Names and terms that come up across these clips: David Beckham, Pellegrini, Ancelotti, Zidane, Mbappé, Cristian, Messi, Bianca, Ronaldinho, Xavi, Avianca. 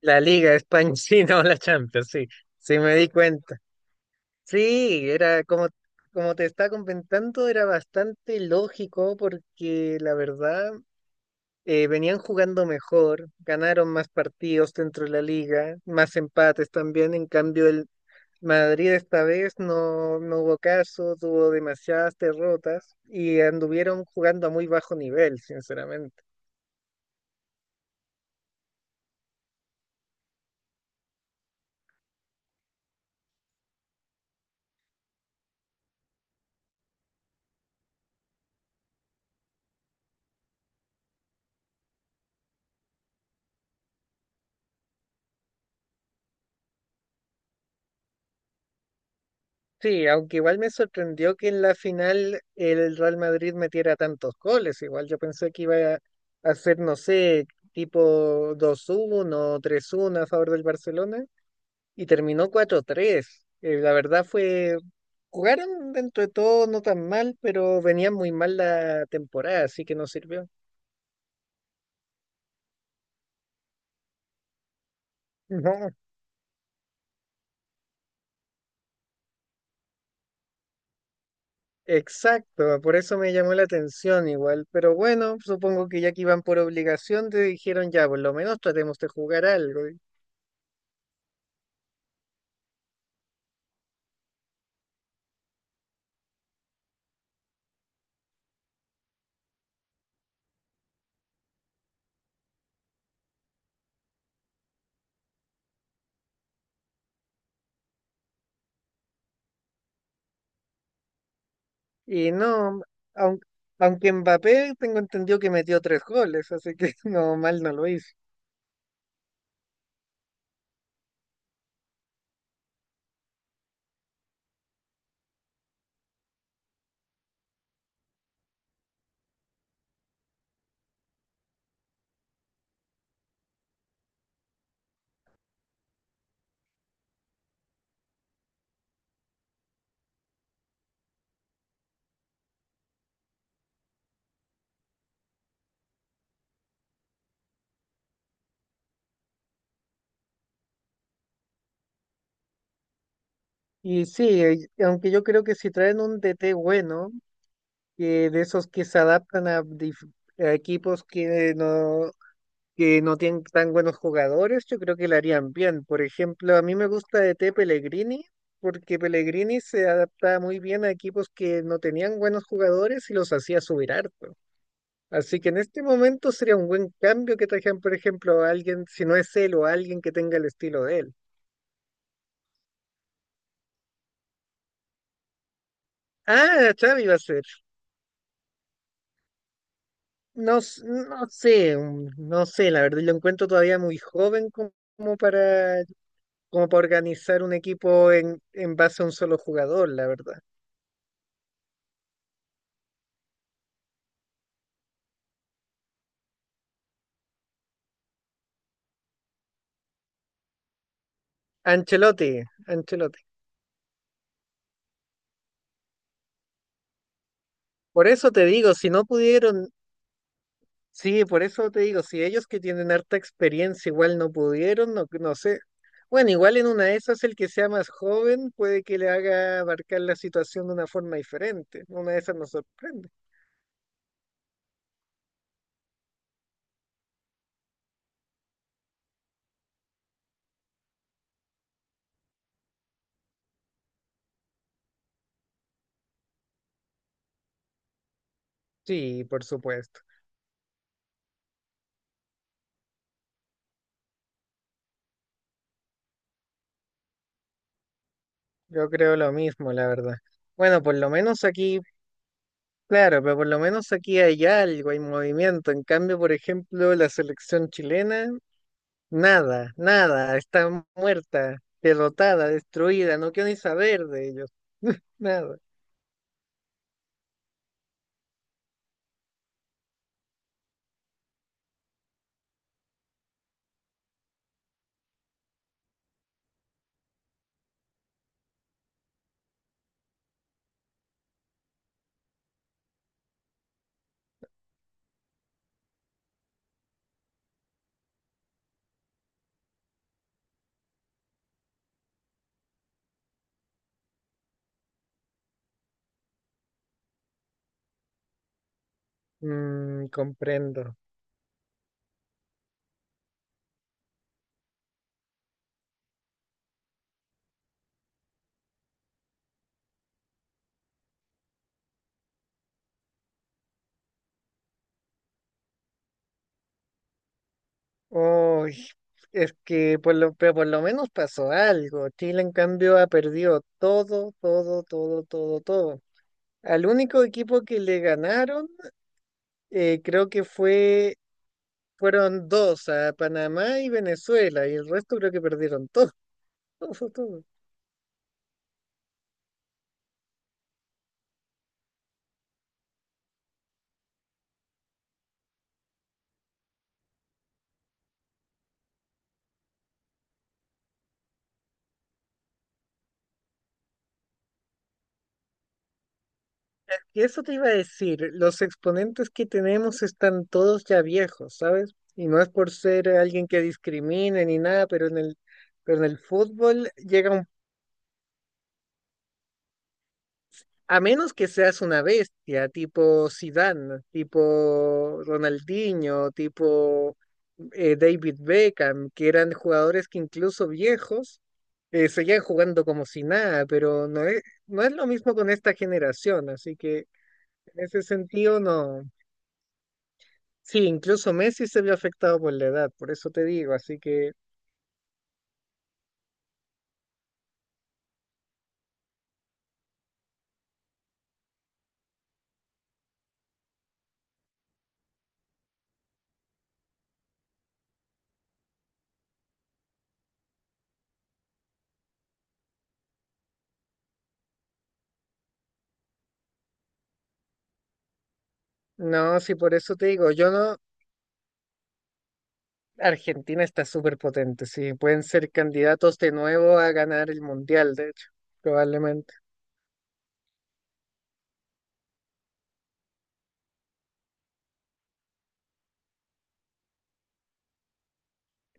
La Liga de España, sí, no, la Champions, sí, sí me di cuenta. Sí, era como te estaba comentando, era bastante lógico porque la verdad venían jugando mejor, ganaron más partidos dentro de la liga, más empates también. En cambio, el Madrid esta vez no, no hubo caso, tuvo demasiadas derrotas y anduvieron jugando a muy bajo nivel, sinceramente. Sí, aunque igual me sorprendió que en la final el Real Madrid metiera tantos goles. Igual yo pensé que iba a hacer, no sé, tipo 2-1, 3-1 a favor del Barcelona y terminó 4-3. La verdad fue, jugaron dentro de todo no tan mal, pero venía muy mal la temporada, así que no sirvió. No, exacto, por eso me llamó la atención igual. Pero bueno, supongo que ya que iban por obligación, te dijeron ya, por lo menos tratemos de jugar algo. Y no, aunque, aunque Mbappé tengo entendido que metió tres goles, así que no, mal no lo hizo. Y sí, aunque yo creo que si traen un DT bueno, que de esos que se adaptan a equipos que no tienen tan buenos jugadores, yo creo que le harían bien. Por ejemplo, a mí me gusta DT Pellegrini, porque Pellegrini se adaptaba muy bien a equipos que no tenían buenos jugadores y los hacía subir harto. Así que en este momento sería un buen cambio que trajeran, por ejemplo, a alguien, si no es él, o a alguien que tenga el estilo de él. Ah, Xavi va a ser. No, no sé, no sé, la verdad, lo encuentro todavía muy joven como para, como para organizar un equipo en base a un solo jugador, la verdad. Ancelotti, Ancelotti. Por eso te digo, si no pudieron. Sí, por eso te digo, si ellos que tienen harta experiencia igual no pudieron, no, no sé. Bueno, igual en una de esas el que sea más joven puede que le haga abarcar la situación de una forma diferente. Una de esas nos sorprende. Sí, por supuesto. Yo creo lo mismo, la verdad. Bueno, por lo menos aquí, claro, pero por lo menos aquí hay algo, hay movimiento. En cambio, por ejemplo, la selección chilena, nada, nada, está muerta, derrotada, destruida, no quiero ni saber de ellos. Nada. Mm, comprendo. Uy, es que por lo, pero por lo menos pasó algo. Chile, en cambio, ha perdido todo, todo, todo, todo, todo. Al único equipo que le ganaron, creo que fue, fueron dos, a Panamá y Venezuela, y el resto creo que perdieron todo, todo, todo. Y eso te iba a decir, los exponentes que tenemos están todos ya viejos, ¿sabes? Y no es por ser alguien que discrimine ni nada, pero pero en el fútbol llega un. A menos que seas una bestia, tipo Zidane, tipo Ronaldinho, tipo David Beckham, que eran jugadores que incluso viejos seguían jugando como si nada, pero no es lo mismo con esta generación, así que en ese sentido no. Sí, incluso Messi se vio afectado por la edad, por eso te digo, así que no, sí, por eso te digo, yo no. Argentina está súper potente, sí. Pueden ser candidatos de nuevo a ganar el Mundial, de hecho, probablemente.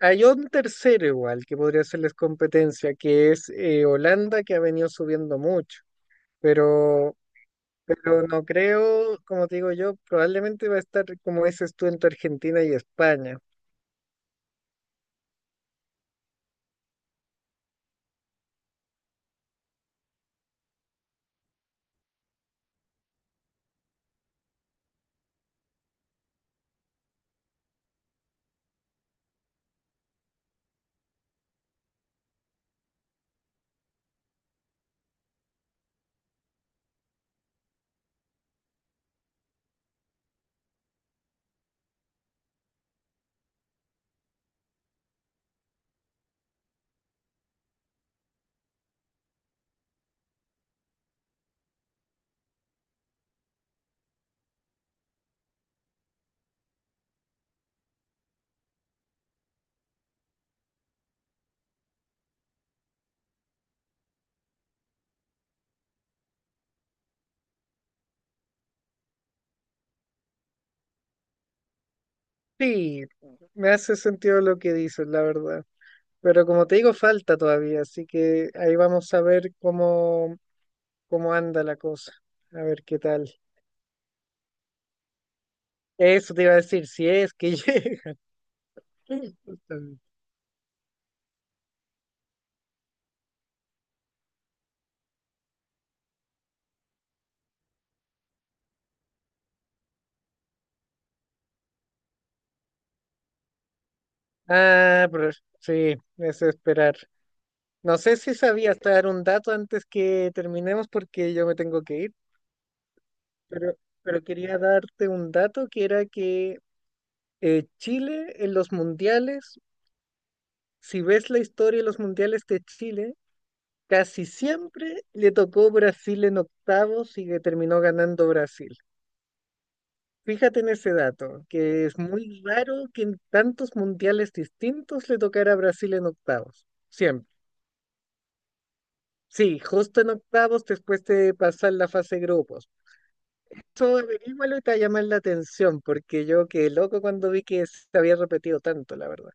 Hay un tercero igual que podría hacerles competencia, que es Holanda, que ha venido subiendo mucho, pero, pero no creo, como te digo yo, probablemente va a estar como dices tú entre Argentina y España. Sí, me hace sentido lo que dices, la verdad. Pero como te digo, falta todavía, así que ahí vamos a ver cómo, cómo anda la cosa, a ver qué tal. Eso te iba a decir, si es que llega. Justamente. Ah, pero sí, es esperar. No sé si sabías dar un dato antes que terminemos porque yo me tengo que ir, pero, pero quería darte un dato que era que Chile en los mundiales, si ves la historia de los mundiales de Chile, casi siempre le tocó Brasil en octavos y que terminó ganando Brasil. Fíjate en ese dato, que es muy raro que en tantos mundiales distintos le tocara a Brasil en octavos. Siempre. Sí, justo en octavos después de pasar la fase de grupos. Eso averígualo y te va a llamar la atención, porque yo quedé loco cuando vi que se había repetido tanto, la verdad.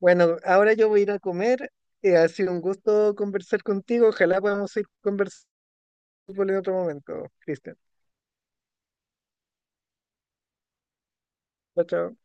Bueno, ahora yo voy a ir a comer. Ha sido un gusto conversar contigo. Ojalá podamos ir conversando en otro momento, Cristian. Chao, chao.